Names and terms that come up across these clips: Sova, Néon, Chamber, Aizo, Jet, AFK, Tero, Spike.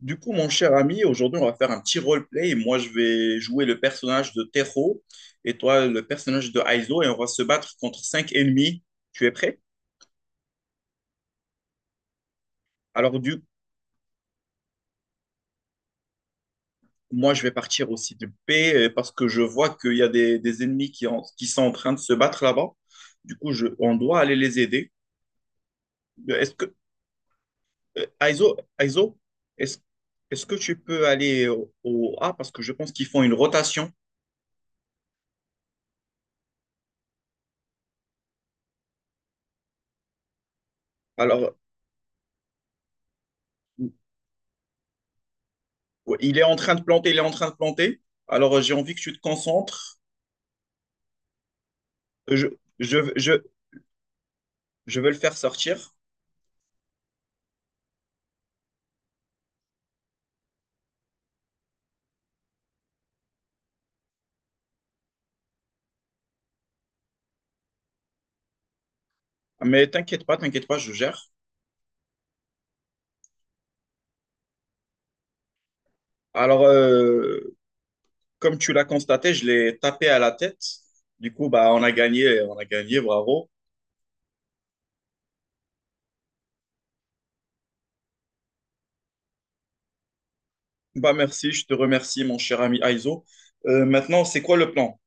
Du coup, mon cher ami, aujourd'hui, on va faire un petit roleplay. Moi, je vais jouer le personnage de Tero et toi, le personnage de Aizo, et on va se battre contre cinq ennemis. Tu es prêt? Alors, du moi, je vais partir aussi de paix parce que je vois qu'il y a des ennemis qui sont en train de se battre là-bas. Du coup, on doit aller les aider. Euh, Est-ce que, Aizo, est-ce, est-ce que tu peux aller au A parce que je pense qu'ils font une rotation. Alors, ouais, il est en train de planter, il est en train de planter. Alors, j'ai envie que tu te concentres. Je, je, je, je vais le faire sortir. Mais t'inquiète pas, je gère. Alors, comme tu l'as constaté, je l'ai tapé à la tête. Du coup, bah, on a gagné, bravo. Bah, merci, je te remercie, mon cher ami Aizo. Maintenant, c'est quoi le plan?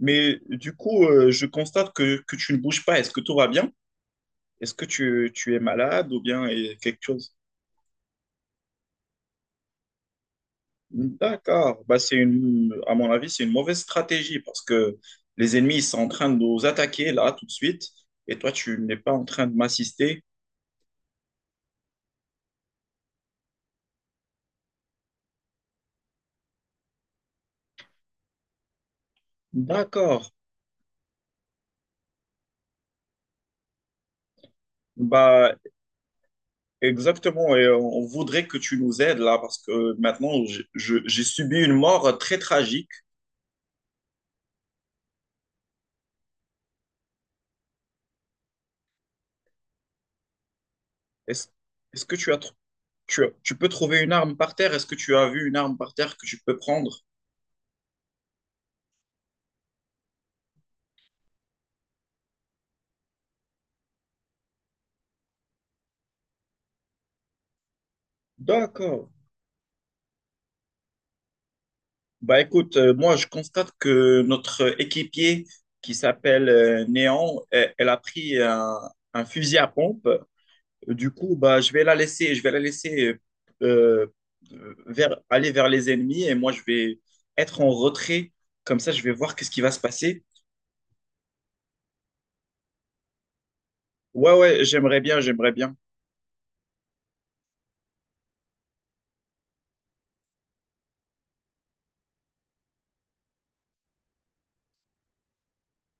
Mais du coup, je constate que tu ne bouges pas. Est-ce que tout va bien? Est-ce que tu es malade ou bien quelque chose? D'accord. Bah, à mon avis, c'est une mauvaise stratégie parce que les ennemis ils sont en train de nous attaquer là tout de suite et toi, tu n'es pas en train de m'assister. D'accord. Bah, exactement. Et on voudrait que tu nous aides là parce que maintenant, j'ai subi une mort très tragique. Est-ce, est-ce que tu as, tr- tu as- Tu peux trouver une arme par terre? Est-ce que tu as vu une arme par terre que tu peux prendre? D'accord. Bah écoute, moi je constate que notre équipier qui s'appelle Néon, elle a pris un fusil à pompe. Du coup, bah je vais la laisser, je vais la laisser euh, aller vers les ennemis et moi je vais être en retrait. Comme ça, je vais voir qu'est-ce qui va se passer. Ouais, ouais, j'aimerais bien, j'aimerais bien.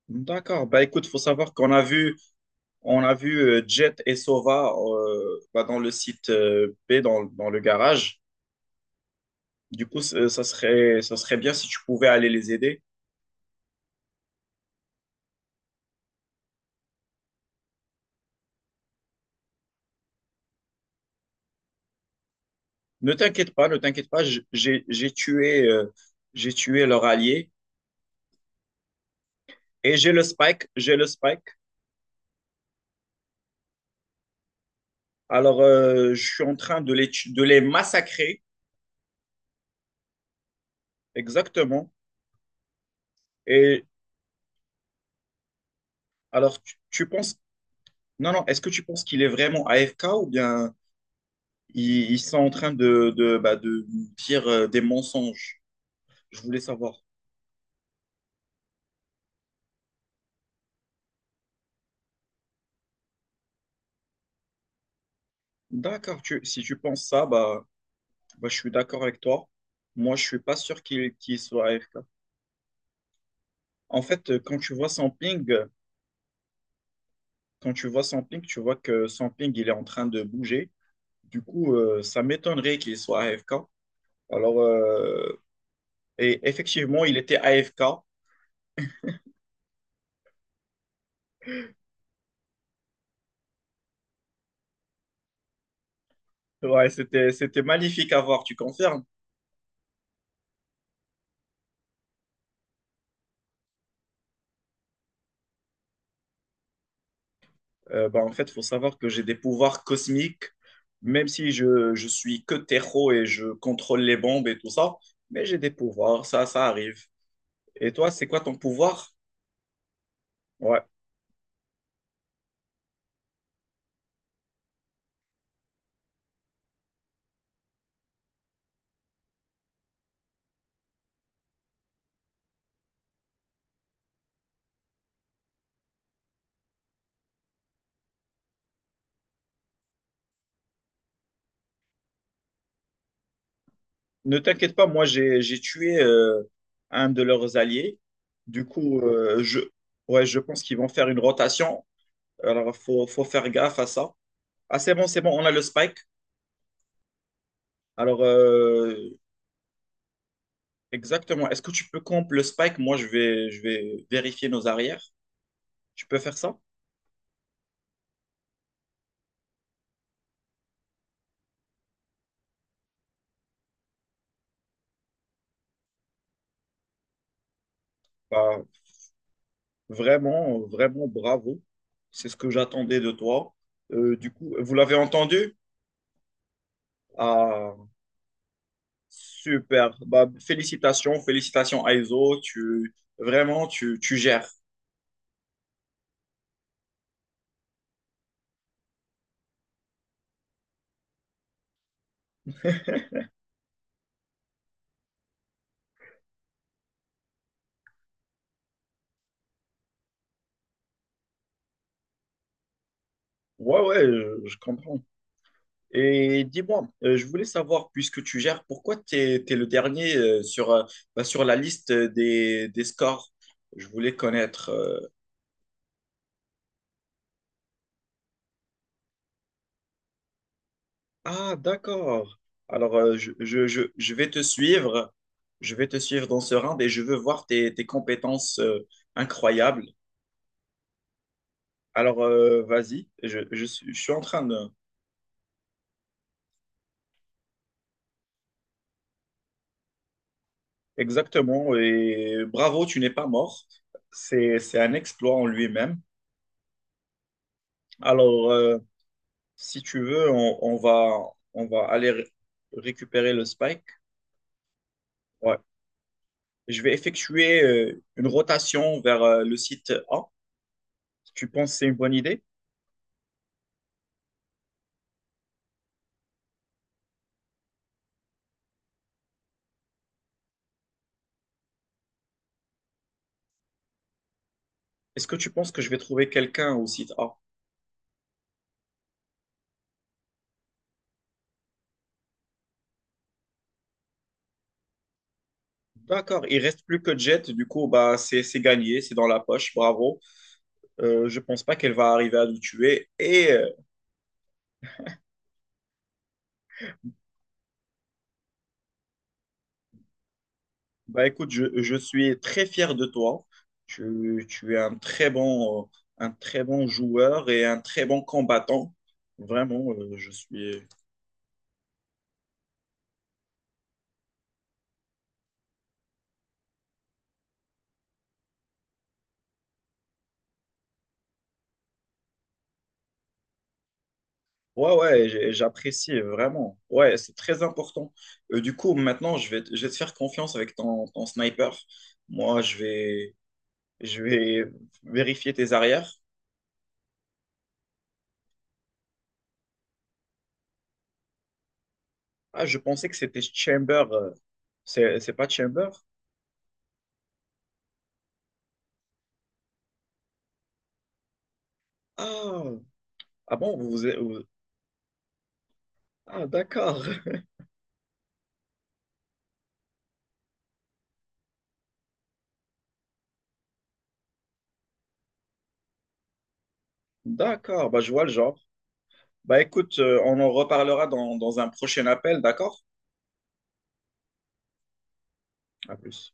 D'accord. Bah écoute, faut savoir qu'on a vu, on a vu Jet et Sova bah, dans le site B, dans le garage. Du coup, ça serait bien si tu pouvais aller les aider. Ne t'inquiète pas, ne t'inquiète pas, j'ai tué leur allié et j'ai le Spike, j'ai le Spike. Alors, je suis en train de les massacrer, exactement. Et alors, tu penses, non, non, est-ce que tu penses qu'il est vraiment AFK ou bien ils sont en train bah, de dire des mensonges? Je voulais savoir. D'accord, si tu penses ça, bah, bah, je suis d'accord avec toi. Moi, je suis pas sûr qu'il soit AFK. En fait, quand tu vois son ping, quand tu vois son ping, tu vois que son ping, il est en train de bouger. Du coup, ça m'étonnerait qu'il soit AFK. Alors, et effectivement, il était AFK. Ouais, c'était, c'était magnifique à voir, tu confirmes? Bah, en fait, il faut savoir que j'ai des pouvoirs cosmiques, même si je suis que terreau et je contrôle les bombes et tout ça, mais j'ai des pouvoirs, ça arrive. Et toi, c'est quoi ton pouvoir? Ouais. Ne t'inquiète pas, moi j'ai tué un de leurs alliés. Du coup, je ouais, je pense qu'ils vont faire une rotation. Alors faut faire gaffe à ça. Ah c'est bon, on a le spike. Alors exactement. Est-ce que tu peux comp le spike? Moi je vais vérifier nos arrières. Tu peux faire ça? Bah, vraiment bravo. C'est ce que j'attendais de toi. Du coup, vous l'avez entendu? Ah, super. Bah, félicitations, félicitations Aizo. Tu vraiment tu gères. Ouais, ouais, je comprends. Et dis-moi, je voulais savoir, puisque tu gères, pourquoi tu es, le dernier bah, sur la liste des scores? Je voulais connaître. Ah, d'accord. Alors, je vais te suivre. Je vais te suivre dans ce round et je veux voir tes, tes compétences incroyables. Alors, vas-y, je suis en train de, exactement, et bravo, tu n'es pas mort. C'est un exploit en lui-même. Alors, si tu veux, on va aller récupérer le spike. Ouais. Je vais effectuer une rotation vers le site A. Tu penses que c'est une bonne idée? Est-ce que tu penses que je vais trouver quelqu'un au site A? D'accord, il reste plus que Jet, du coup, bah, c'est gagné, c'est dans la poche, bravo. Je pense pas qu'elle va arriver à nous tuer et bah écoute, je suis très fier de toi. Tu es un très bon joueur et un très bon combattant. Vraiment, je suis... Ouais, ouais, j'apprécie vraiment. Ouais, c'est très important. Du coup, maintenant, je vais te faire confiance avec ton, ton sniper. Moi, je vais vérifier tes arrières. Ah, je pensais que c'était Chamber. C'est pas Chamber? Ah, ah bon, vous, vous... Ah, d'accord. D'accord, bah, je vois le genre. Bah écoute, on en reparlera dans, dans un prochain appel, d'accord? À plus.